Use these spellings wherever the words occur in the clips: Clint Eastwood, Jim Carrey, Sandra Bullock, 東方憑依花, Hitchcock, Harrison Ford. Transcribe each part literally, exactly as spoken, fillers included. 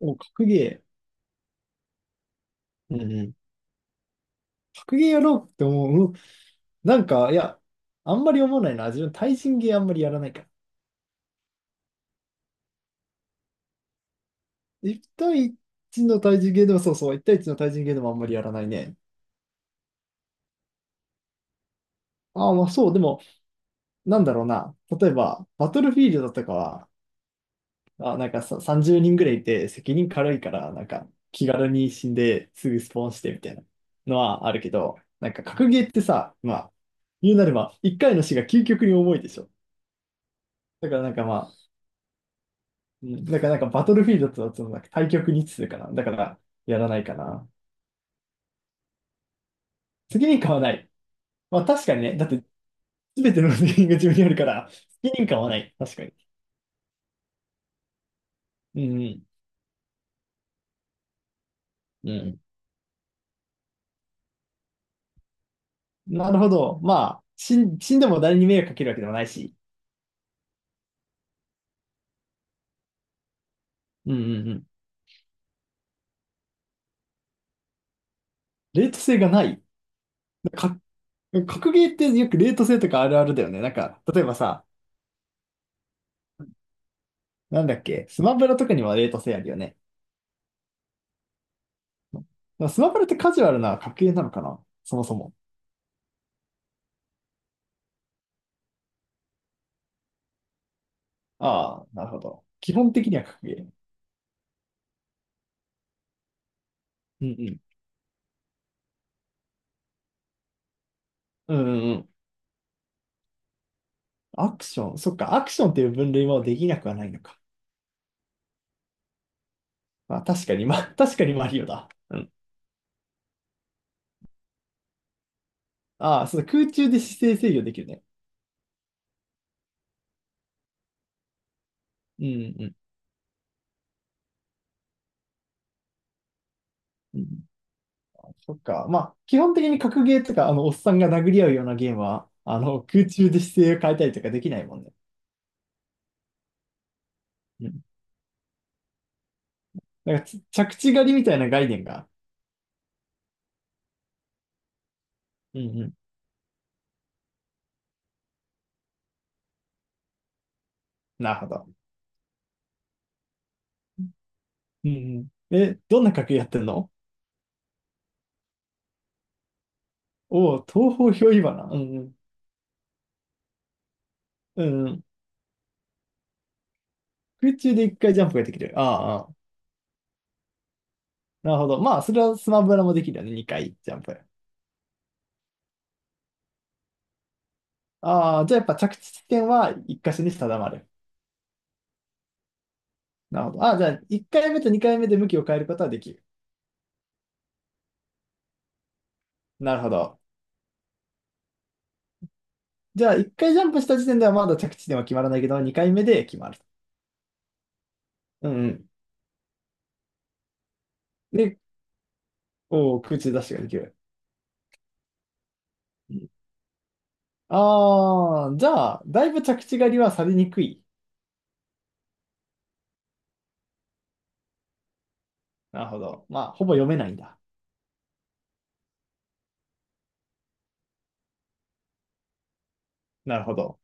お、格ゲー。うんうん。格ゲーやろうって思う。うんなんか、いや、あんまり思わないな。自分、対人ゲーあんまりやらないから。一対一の対人ゲーでも、そうそう、一対一の対人ゲーでもあんまりやらないね。ああ、まあそう、でも、なんだろうな。例えば、バトルフィールドとかは、あ、なんかさ、さんじゅうにんぐらいいて、責任軽いから、なんか、気軽に死んですぐスポーンしてみたいなのはあるけど、なんか、格ゲーってさ、まあ、言うなれば、一回の死が究極に重いでしょ。だからなんかまあ、うん、だからなんかバトルフィールドとだとなんか対局に位置するかな。だからやらないかな。責任感はない。まあ確かにね。だって全ての責任が自分にあるから、責任感はない。確かに。うんうん。うん。なるほど。まあ、死ん、死んでも誰に迷惑かけるわけでもないし。うんうんうん。レート性がない。か、格ゲーってよくレート性とかあるあるだよね。なんか、例えばさ、なんだっけ、スマブラとかにはレート性あるよね。まあスマブラってカジュアルな格ゲーなのかなそもそも。ああ、なるほど。基本的には格ゲー。うんうん。うんうんうん。アクション。そっか、アクションっていう分類もできなくはないのか。まあ、確かに、まあ、確かにマリオだ。うん。ああ、そうだ、空中で姿勢制御できるね。うんうん。うん、そっか。まあ、基本的に格ゲーとか、あの、おっさんが殴り合うようなゲームは、あの、空中で姿勢を変えたりとかできないもんね。うん。なんかつ、着地狩りみたいな概念が。うんうん。なるほど。うんうん。え、どんな格ゲーやってんの？おおう、東方憑依花。うんうん。うんうん。空中で一回ジャンプができる。ああ、ああ。なるほど。まあ、それはスマブラもできるよね。にかいジャンプ。ああ、じゃあやっぱ着地点はいっ箇所に定まる。なるほど。ああ、じゃあいっかいめとにかいめで向きを変えることはできる。なるほど。じゃあいっかいジャンプした時点ではまだ着地点は決まらないけど、にかいめで決まる。うんうん。で、おー空中ダッシュができる。ああー、じゃあ、だいぶ着地狩りはされにくい。なるほど。まあ、ほぼ読めないんだ。なるほど。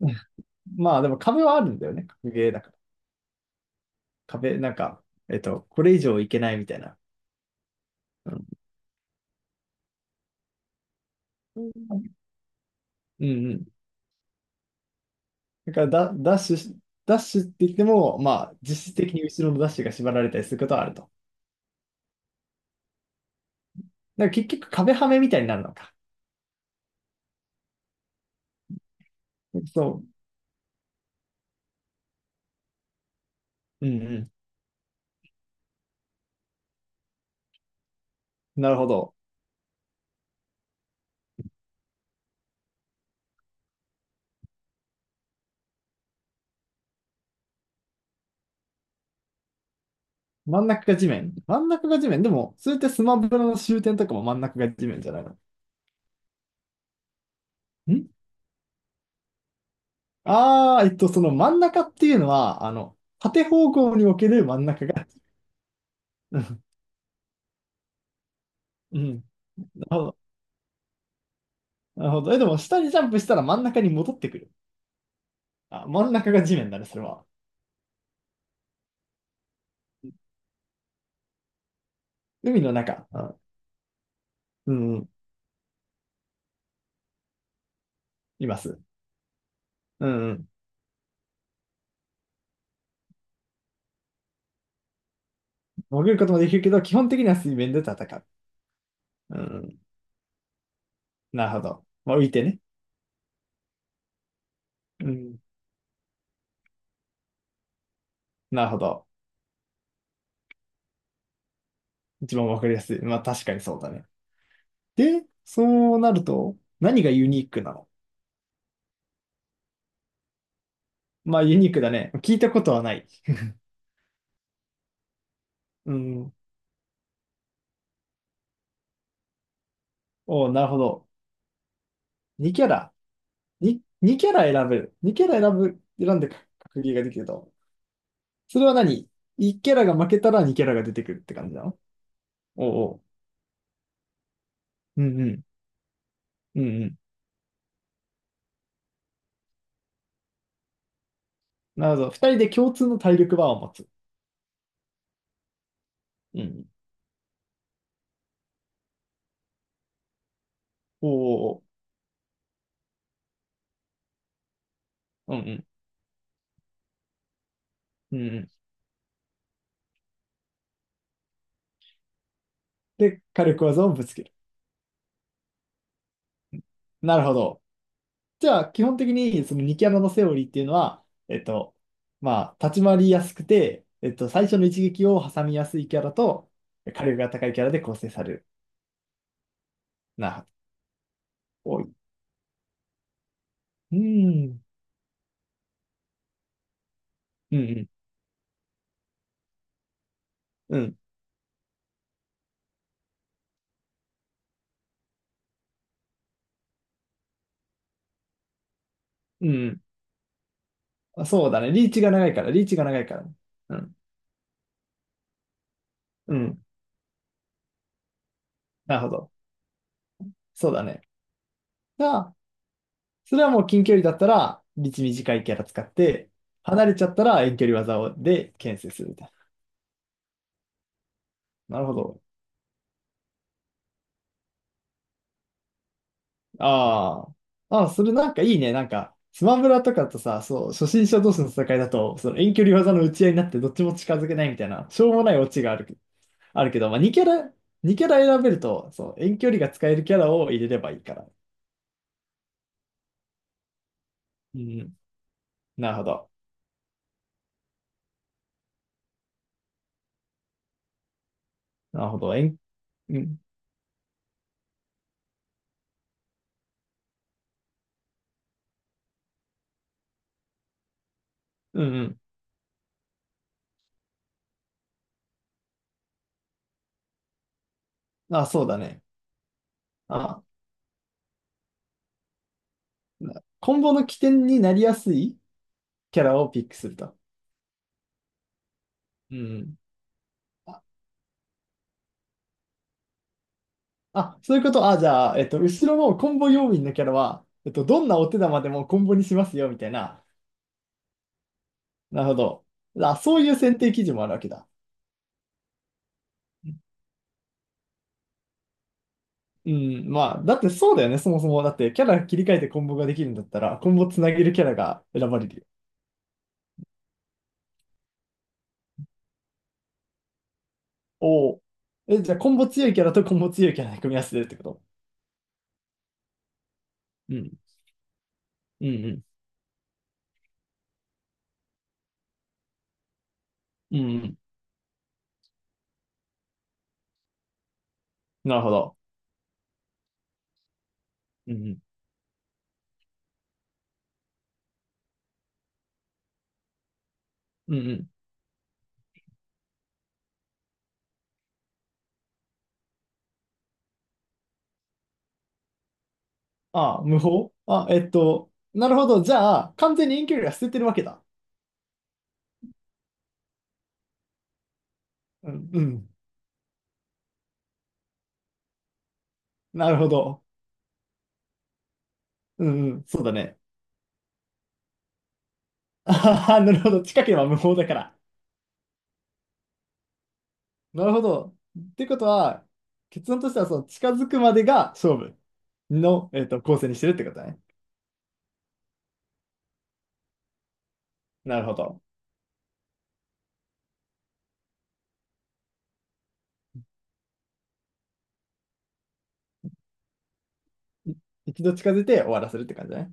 まあ、でも壁はあるんだよね。格ゲーだから。壁、なんか、えっと、これ以上いけないみたいな。うんうんうん。だからだ、ダッシュし、ダッシュって言っても、まあ、実質的に後ろのダッシュが縛られたりすることはあると。だから結局壁はめみたいになるのか。そう。うんうん。なるほど。真ん中が地面。真ん中が地面。でも、それってスマブラの終点とかも真ん中が地面じゃないの。んああー、えっと、その真ん中っていうのは、あの、縦方向における真ん中が。うんうん。なるほど。なるほど。え、でも、下にジャンプしたら真ん中に戻ってくる。あ、真ん中が地面だね、それは。海の中。うん。うんうん。います。うんうん。潜ることもできるけど、基本的には水面で戦う。うんうん。なるほど。まあ、浮いてね。うん。なるほど。一番わかりやすい。まあ、確かにそうだね。で、そうなると、何がユニークなの？まあ、ユニークだね。聞いたことはない。うん。おう、なるほど。にキャラ。ににキャラ選べる。にキャラ選ぶ、選んで格ゲーができると。それは何？ いち キャラが負けたらにキャラが出てくるって感じなの？おうおう。うんうん。うんうん。なるほど。ふたりで共通の体力バーを持つ。うん。おお、うんうん。うんうん。で、火力技をぶつける。なるほど。じゃあ、基本的に、そのにキャラのセオリーっていうのは、えっと、まあ、立ち回りやすくて、えっと、最初の一撃を挟みやすいキャラと、火力が高いキャラで構成される。な、多い。うん。うんうん。うん。うん。あ、そうだね。リーチが長いから、リーチが長いから。うん。うん。なるほど。そうだね。じゃあ、それはもう近距離だったら、道短いキャラ使って、離れちゃったら遠距離技をで牽制するみたいな。なるほど。ああ。ああ、それなんかいいね。なんか、スマブラとかとさ、そう、初心者同士の戦いだと、その遠距離技の打ち合いになってどっちも近づけないみたいな、しょうもないオチがあるけ、あるけど、まあ、にキャラ、にキャラ選べると、そう、遠距離が使えるキャラを入れればいいから。うん。なるほど。なるほど。遠うん。うんうん。あ、そうだね。あ。コンボの起点になりやすいキャラをピックすると。うん。あ、あそういうこと。あ、じゃあ、えっと、後ろのコンボ要員のキャラは、えっと、どんなお手玉でもコンボにしますよ、みたいな。なるほど。あ、そういう選定基準もあるわけだ。うん、まあ、だってそうだよね、そもそも。だって、キャラ切り替えてコンボができるんだったら、コンボつなげるキャラが選ばれるよ。おお。え、じゃあ、コンボ強いキャラとコンボ強いキャラで組み合わせてるってこと？うん。うん。うんうん。うん。なるほど。うん。うん。うんうん。あ、無法あ、えっと、なるほど。じゃあ、完全に遠距離は捨ててるわけだ。うん、うん。なるほど。うん、うん、そうだね。あはは。なるほど。近ければ無法だから。なるほど。ってことは、結論としては、その近づくまでが勝負の、えっと、構成にしてるってことだね。なるほど。い一度近づいて終わらせるって感じだね。